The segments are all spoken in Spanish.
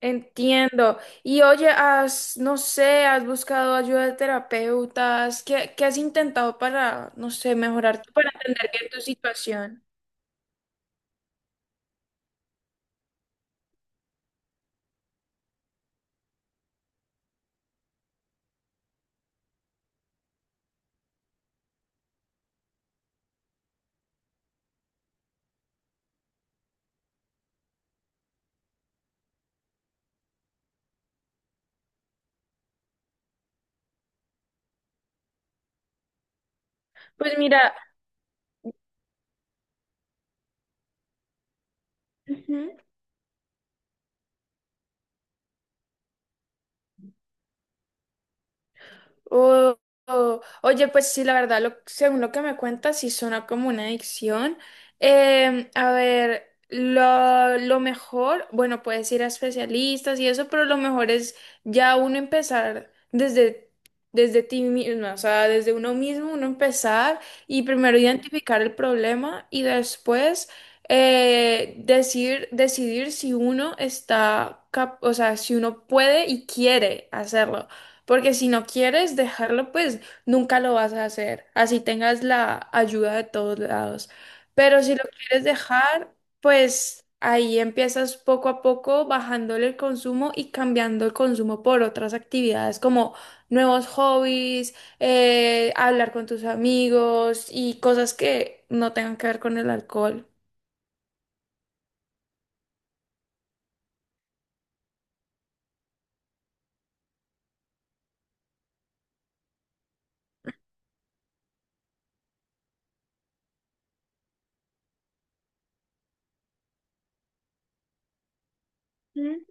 Entiendo. Y oye, has, no sé, has buscado ayuda de terapeutas. ¿Qué has intentado para, no sé, mejorar, para entender bien tu situación? Pues mira, ujú. Oh, oh. Oye, pues sí, la verdad, lo, según lo que me cuentas, sí suena como una adicción. A ver, lo mejor, bueno, puedes ir a especialistas y eso, pero lo mejor es ya uno empezar desde ti misma, o sea, desde uno mismo, uno empezar y primero identificar el problema y después decir, decidir si uno está, cap- o sea, si uno puede y quiere hacerlo. Porque si no quieres dejarlo, pues nunca lo vas a hacer, así tengas la ayuda de todos lados. Pero si lo quieres dejar, pues ahí empiezas poco a poco bajándole el consumo y cambiando el consumo por otras actividades como nuevos hobbies, hablar con tus amigos y cosas que no tengan que ver con el alcohol. Mm.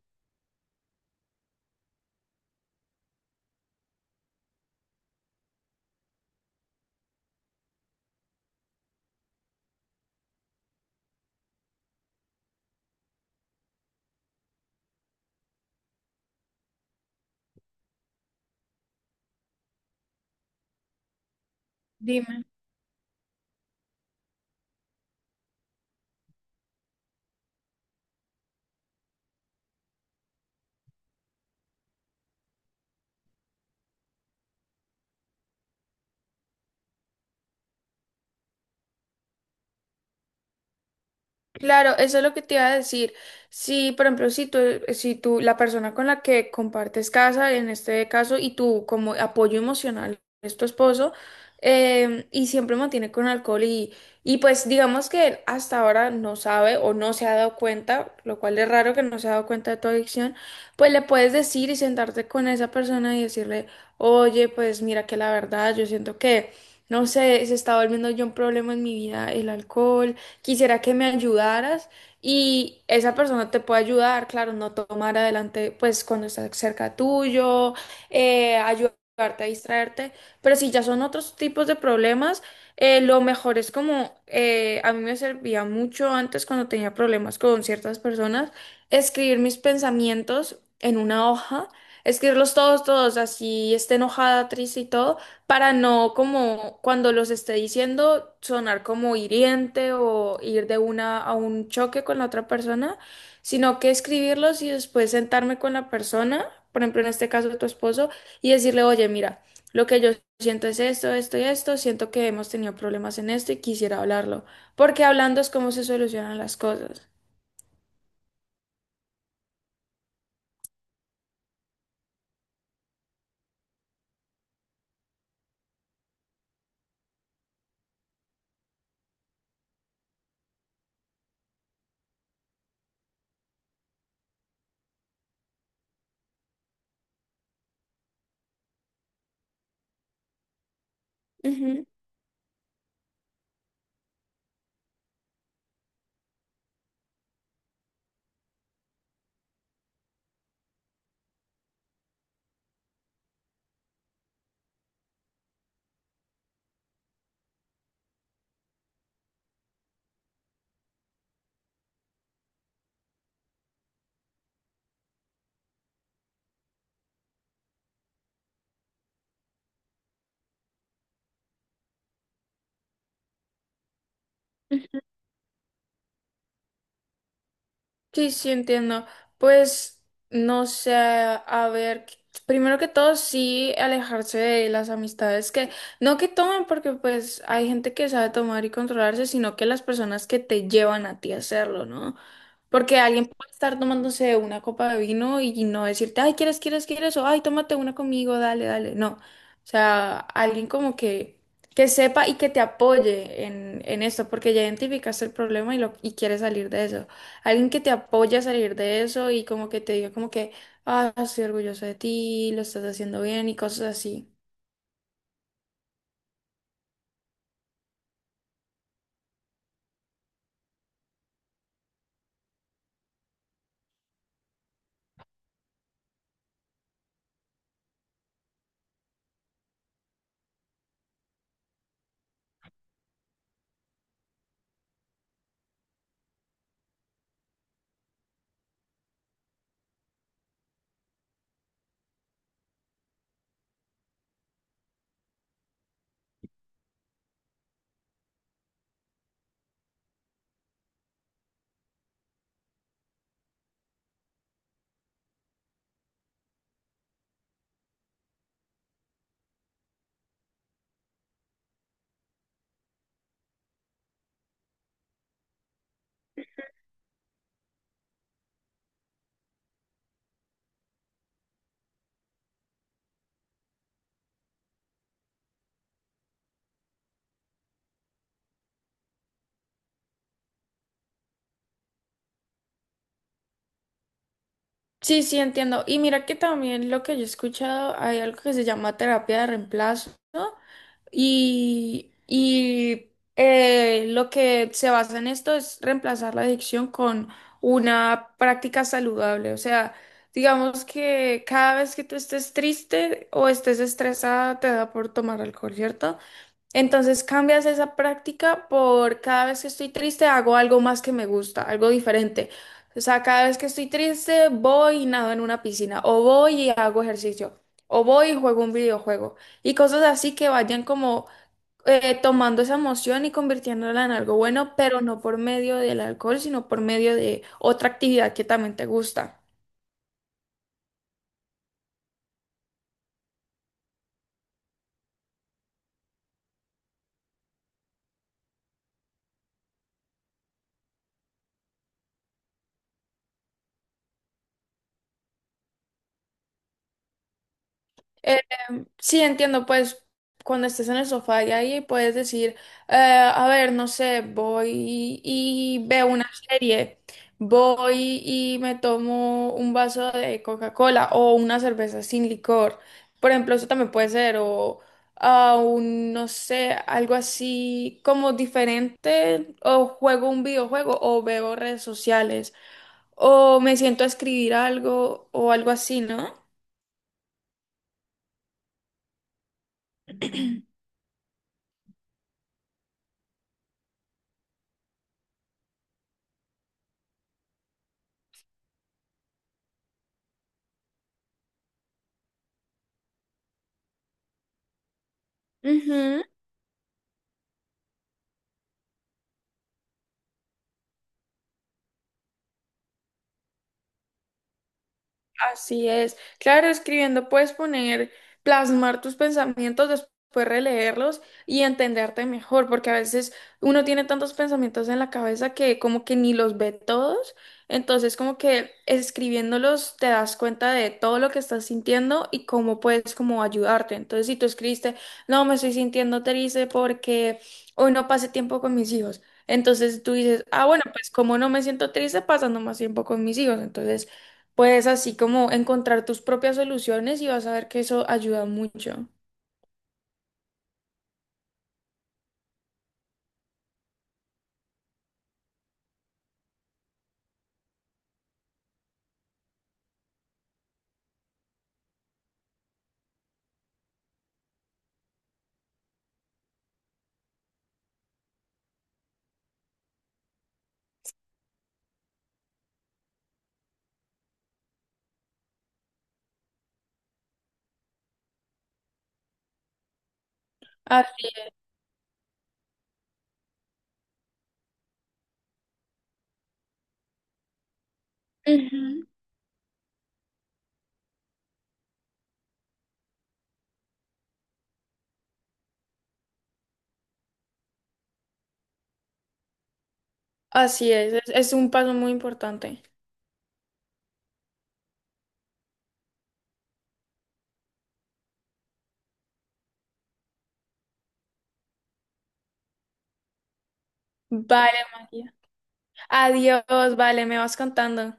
Dime. Claro, eso es lo que te iba a decir. Si, por ejemplo, si tú, la persona con la que compartes casa, en este caso, y tú como apoyo emocional es tu esposo, y siempre mantiene con alcohol y pues digamos que él hasta ahora no sabe o no se ha dado cuenta, lo cual es raro que no se ha dado cuenta de tu adicción, pues le puedes decir y sentarte con esa persona y decirle, oye, pues mira que la verdad, yo siento que, no sé, se está volviendo yo un problema en mi vida el alcohol, quisiera que me ayudaras y esa persona te puede ayudar, claro, no tomar adelante, pues cuando está cerca tuyo, ayudarte a distraerte, pero si ya son otros tipos de problemas, lo mejor es como, a mí me servía mucho antes cuando tenía problemas con ciertas personas, escribir mis pensamientos en una hoja, escribirlos todos, todos, así esté enojada, triste y todo, para no como cuando los esté diciendo sonar como hiriente o ir de una a un choque con la otra persona, sino que escribirlos y después sentarme con la persona, por ejemplo en este caso tu esposo, y decirle, oye, mira, lo que yo siento es esto, esto y esto, siento que hemos tenido problemas en esto y quisiera hablarlo, porque hablando es como se solucionan las cosas. Ujú. Sí, sí, entiendo. Pues no sé, a ver, primero que todo, sí alejarse de las amistades que, no que tomen, porque pues hay gente que sabe tomar y controlarse, sino que las personas que te llevan a ti a hacerlo, ¿no? Porque alguien puede estar tomándose una copa de vino y no decirte, ay, quieres, quieres, quieres, o ay, tómate una conmigo, dale, dale. No. O sea, alguien como que sepa y que te apoye en esto, porque ya identificaste el problema y, lo, y quieres salir de eso. Alguien que te apoye a salir de eso y como que te diga como que, ah, estoy orgulloso de ti, lo estás haciendo bien y cosas así. Sí, sí, entiendo. Y mira que también lo que yo he escuchado, hay algo que se llama terapia de reemplazo. Y lo que se basa en esto es reemplazar la adicción con una práctica saludable. O sea, digamos que cada vez que tú estés triste o estés estresada, te da por tomar alcohol, ¿cierto? Entonces cambias esa práctica por cada vez que estoy triste hago algo más que me gusta, algo diferente. O sea, cada vez que estoy triste voy y nado en una piscina, o voy y hago ejercicio, o voy y juego un videojuego, y cosas así que vayan como tomando esa emoción y convirtiéndola en algo bueno, pero no por medio del alcohol, sino por medio de otra actividad que también te gusta. Sí, entiendo, pues cuando estés en el sofá y ahí puedes decir, a ver, no sé, voy y veo una serie, voy y me tomo un vaso de Coca-Cola o una cerveza sin licor. Por ejemplo, eso también puede ser, o ah, un, no sé, algo así como diferente, o juego un videojuego o veo redes sociales, o me siento a escribir algo o algo así, ¿no? Ujú. Así es. Claro, escribiendo puedes poner, plasmar tus pensamientos, después releerlos y entenderte mejor, porque a veces uno tiene tantos pensamientos en la cabeza que como que ni los ve todos. Entonces, como que escribiéndolos te das cuenta de todo lo que estás sintiendo y cómo puedes como ayudarte. Entonces, si tú escribiste, no, me estoy sintiendo triste porque hoy no pasé tiempo con mis hijos. Entonces tú dices, ah, bueno, pues como no me siento triste pasando más tiempo con mis hijos. Entonces puedes así como encontrar tus propias soluciones y vas a ver que eso ayuda mucho. Así. Ujú. Así es, es un paso muy importante. Vale, María. Adiós, vale, me vas contando.